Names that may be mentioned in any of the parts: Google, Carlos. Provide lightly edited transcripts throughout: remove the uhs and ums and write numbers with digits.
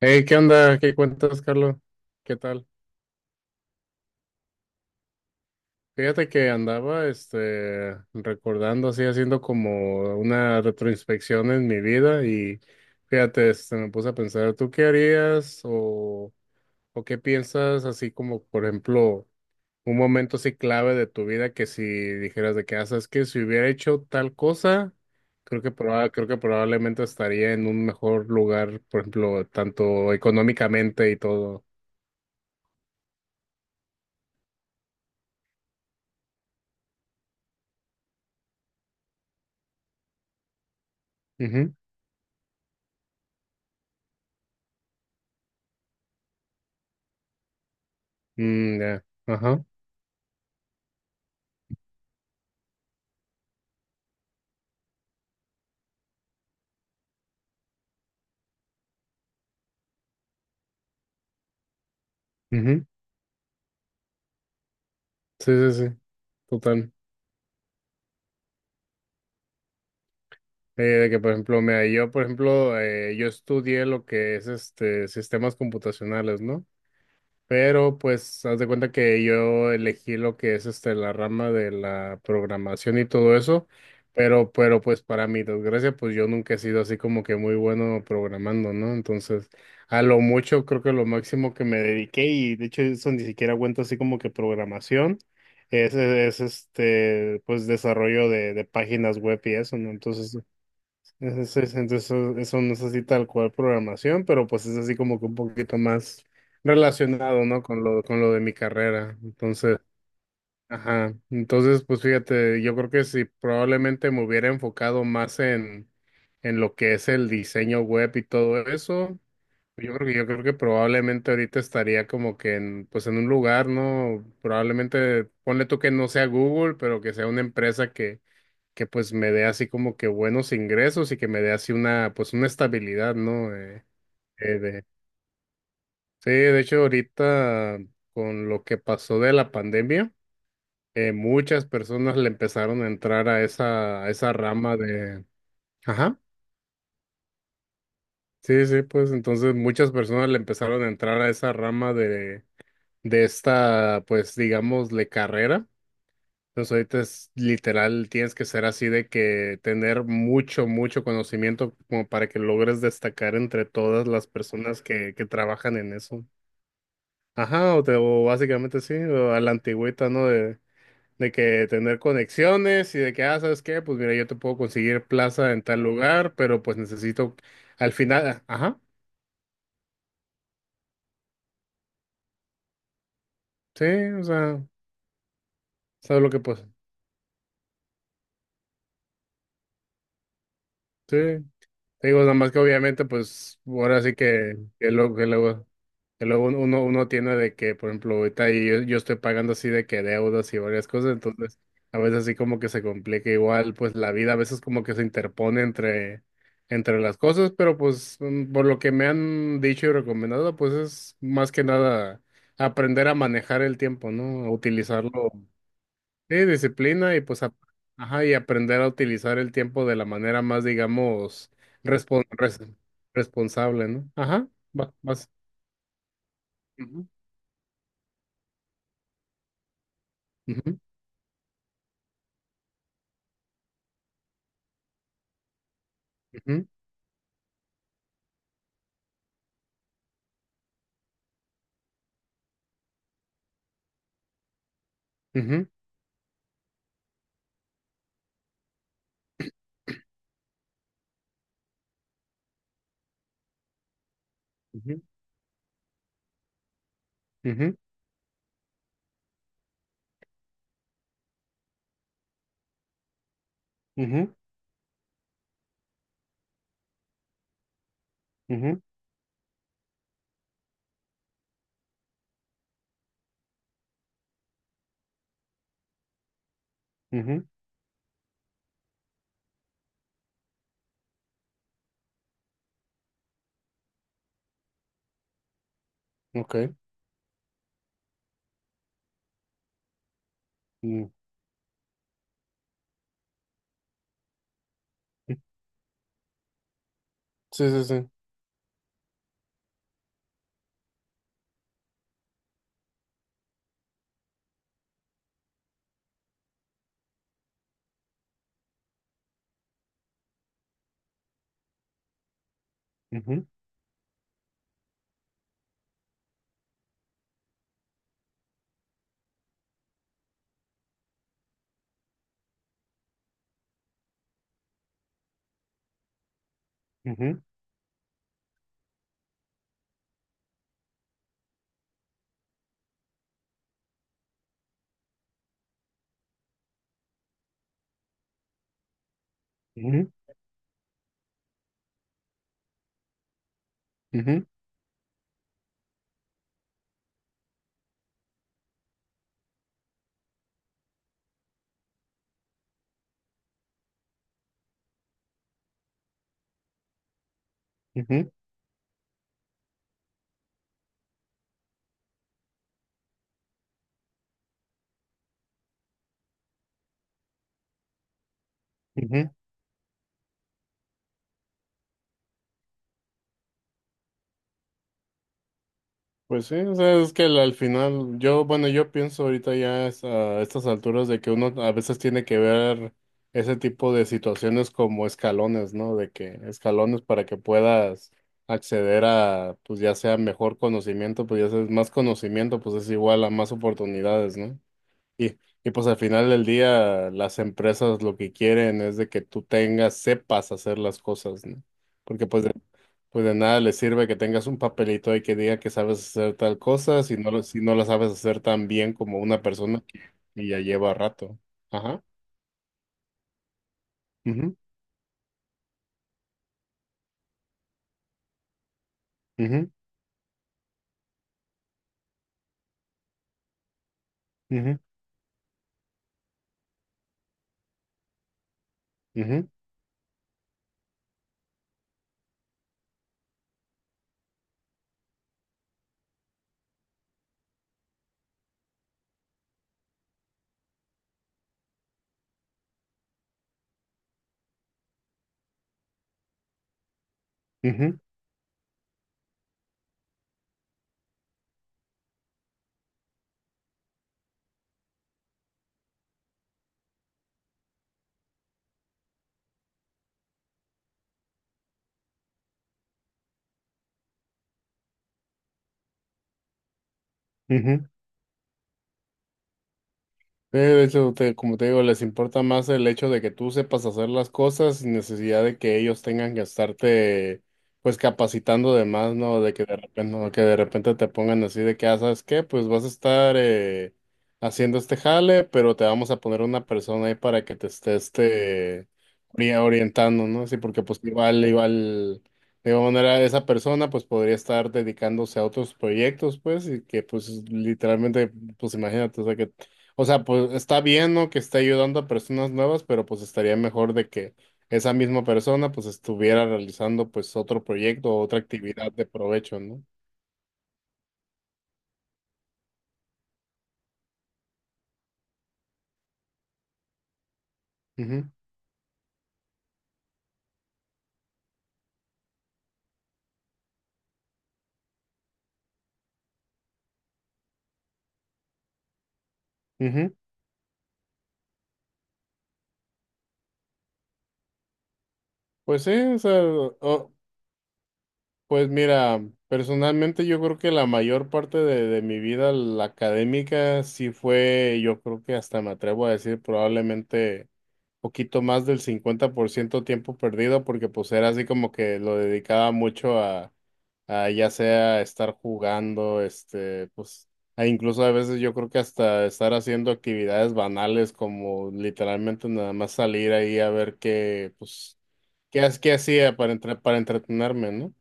Hey, ¿qué onda? ¿Qué cuentas, Carlos? ¿Qué tal? Fíjate que andaba, recordando así, haciendo como una retroinspección en mi vida y fíjate, me puse a pensar, ¿tú qué harías o qué piensas así como, por ejemplo, un momento así clave de tu vida que si dijeras de que haces que si hubiera hecho tal cosa, creo que creo que probablemente estaría en un mejor lugar, por ejemplo, tanto económicamente y todo. Mm, ya, ajá. Ujú. Sí, sí, sí. Total. De que, por ejemplo, mira, yo, por ejemplo, yo estudié lo que es este sistemas computacionales, ¿no? Pero pues haz de cuenta que yo elegí lo que es este la rama de la programación y todo eso, pero pues para mi desgracia pues yo nunca he sido así como que muy bueno programando, ¿no? Entonces, a lo mucho creo que lo máximo que me dediqué y de hecho eso ni siquiera cuenta así como que programación es este pues desarrollo de páginas web y eso, ¿no? Entonces, entonces eso no es así tal cual programación, pero pues es así como que un poquito más relacionado, ¿no? Con con lo de mi carrera. Entonces, ajá. Entonces, pues fíjate, yo creo que si probablemente me hubiera enfocado más en lo que es el diseño web y todo eso, yo creo que probablemente ahorita estaría como que en, pues en un lugar, ¿no? Probablemente, ponle tú que no sea Google, pero que sea una empresa que pues me dé así como que buenos ingresos y que me dé así una, pues una estabilidad, ¿no? Eh, de, sí, de hecho ahorita con lo que pasó de la pandemia, muchas personas le empezaron a entrar a a esa rama de, ajá, sí, sí, pues entonces muchas personas le empezaron a entrar a esa rama de esta, pues digamos, de carrera. Entonces ahorita es literal, tienes que ser así de que tener mucho, mucho conocimiento como para que logres destacar entre todas las personas que trabajan en eso. Ajá, o básicamente sí, o a la antigüita, ¿no? De que tener conexiones y de que, ah, ¿sabes qué? Pues mira, yo te puedo conseguir plaza en tal lugar, pero pues necesito al final, ajá, sí, o sea, ¿sabes lo que pues? Sí, te digo, nada más que obviamente pues ahora sí que luego, que luego. Que luego uno, uno tiene de que, por ejemplo, ahorita yo estoy pagando así de que deudas y varias cosas, entonces a veces así como que se complica igual, pues la vida a veces como que se interpone entre las cosas, pero pues por lo que me han dicho y recomendado, pues es más que nada aprender a manejar el tiempo, ¿no? A utilizarlo, sí, disciplina y pues, ajá, y aprender a utilizar el tiempo de la manera más, digamos, respon- res- responsable, ¿no? Ajá, va, vas. Ujú, ujú. Ujú, ujú, ujú, ujú, ujú, ujú, ujú, ok. Mm, sí, sí, sí. Ujú, ujú, ujú, ujú, ujú, ujú. Pues sí, o sea, es que al final, yo, bueno, yo pienso ahorita ya es a estas alturas de que uno a veces tiene que ver ese tipo de situaciones como escalones, ¿no? De que escalones para que puedas acceder a, pues ya sea mejor conocimiento, pues ya sea más conocimiento, pues es igual a más oportunidades, ¿no? Y, y pues al final del día las empresas lo que quieren es de que tú tengas, sepas hacer las cosas, ¿no? Porque pues de nada les sirve que tengas un papelito ahí que diga que sabes hacer tal cosa si no, si no la sabes hacer tan bien como una persona que ya lleva rato. Ajá. Ujú, ujú, ujú, ujú, ujú, ujú. Como te digo, les importa más el hecho de que tú sepas hacer las cosas sin necesidad de que ellos tengan que estarte, pues, capacitando de más, ¿no? De que de repente, no, que de repente te pongan así de que, ah, ¿sabes qué? Pues vas a estar haciendo este jale, pero te vamos a poner una persona ahí para que te esté, orientando, ¿no? Sí, porque pues igual, igual, de igual manera, esa persona, pues, podría estar dedicándose a otros proyectos, pues, y que, pues, literalmente, pues, imagínate, o sea, pues está bien, ¿no? Que esté ayudando a personas nuevas, pero pues estaría mejor de que esa misma persona pues estuviera realizando pues otro proyecto o otra actividad de provecho, ¿no? Ujú, ujú. Pues sí, o sea, o- Pues mira, personalmente yo creo que la mayor parte de mi vida, la académica, sí fue, yo creo que hasta me atrevo a decir probablemente poquito más del 50% tiempo perdido, porque pues era así como que lo dedicaba mucho a ya sea estar jugando, pues, e incluso a veces yo creo que hasta estar haciendo actividades banales como literalmente nada más salir ahí a ver qué, pues, qué hacía para entretenerme, ¿no?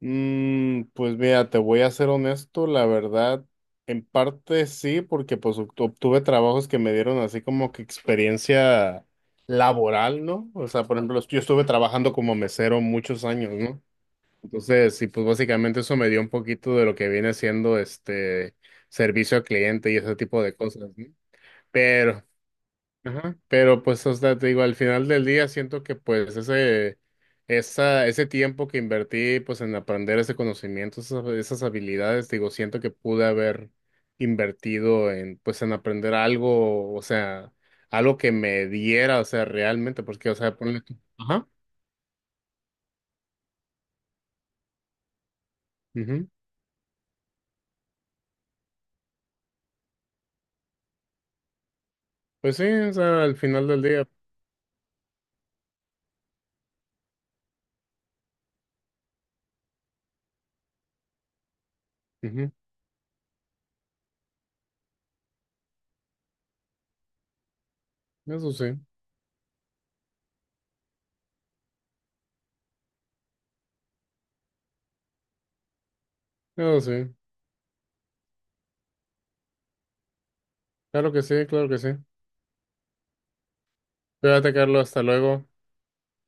Mm, pues mira, te voy a ser honesto, la verdad, en parte sí, porque pues obtuve trabajos que me dieron así como que experiencia laboral, ¿no? O sea, por ejemplo, yo estuve trabajando como mesero muchos años, ¿no? Entonces, sí, pues básicamente eso me dio un poquito de lo que viene siendo este servicio al cliente y ese tipo de cosas, ¿no? Pero, ajá, pero pues, o sea, te digo, al final del día siento que pues ese tiempo que invertí pues en aprender ese conocimiento, esas habilidades, digo, siento que pude haber invertido en pues en aprender algo, o sea, algo que me diera, o sea, realmente, porque, o sea, ponle tú- Ajá. Ujú, pues sí, o sea, al final del día, ujú, eso sí, eso sí, claro que sí, claro que sí. Cuídate, Carlos, hasta luego.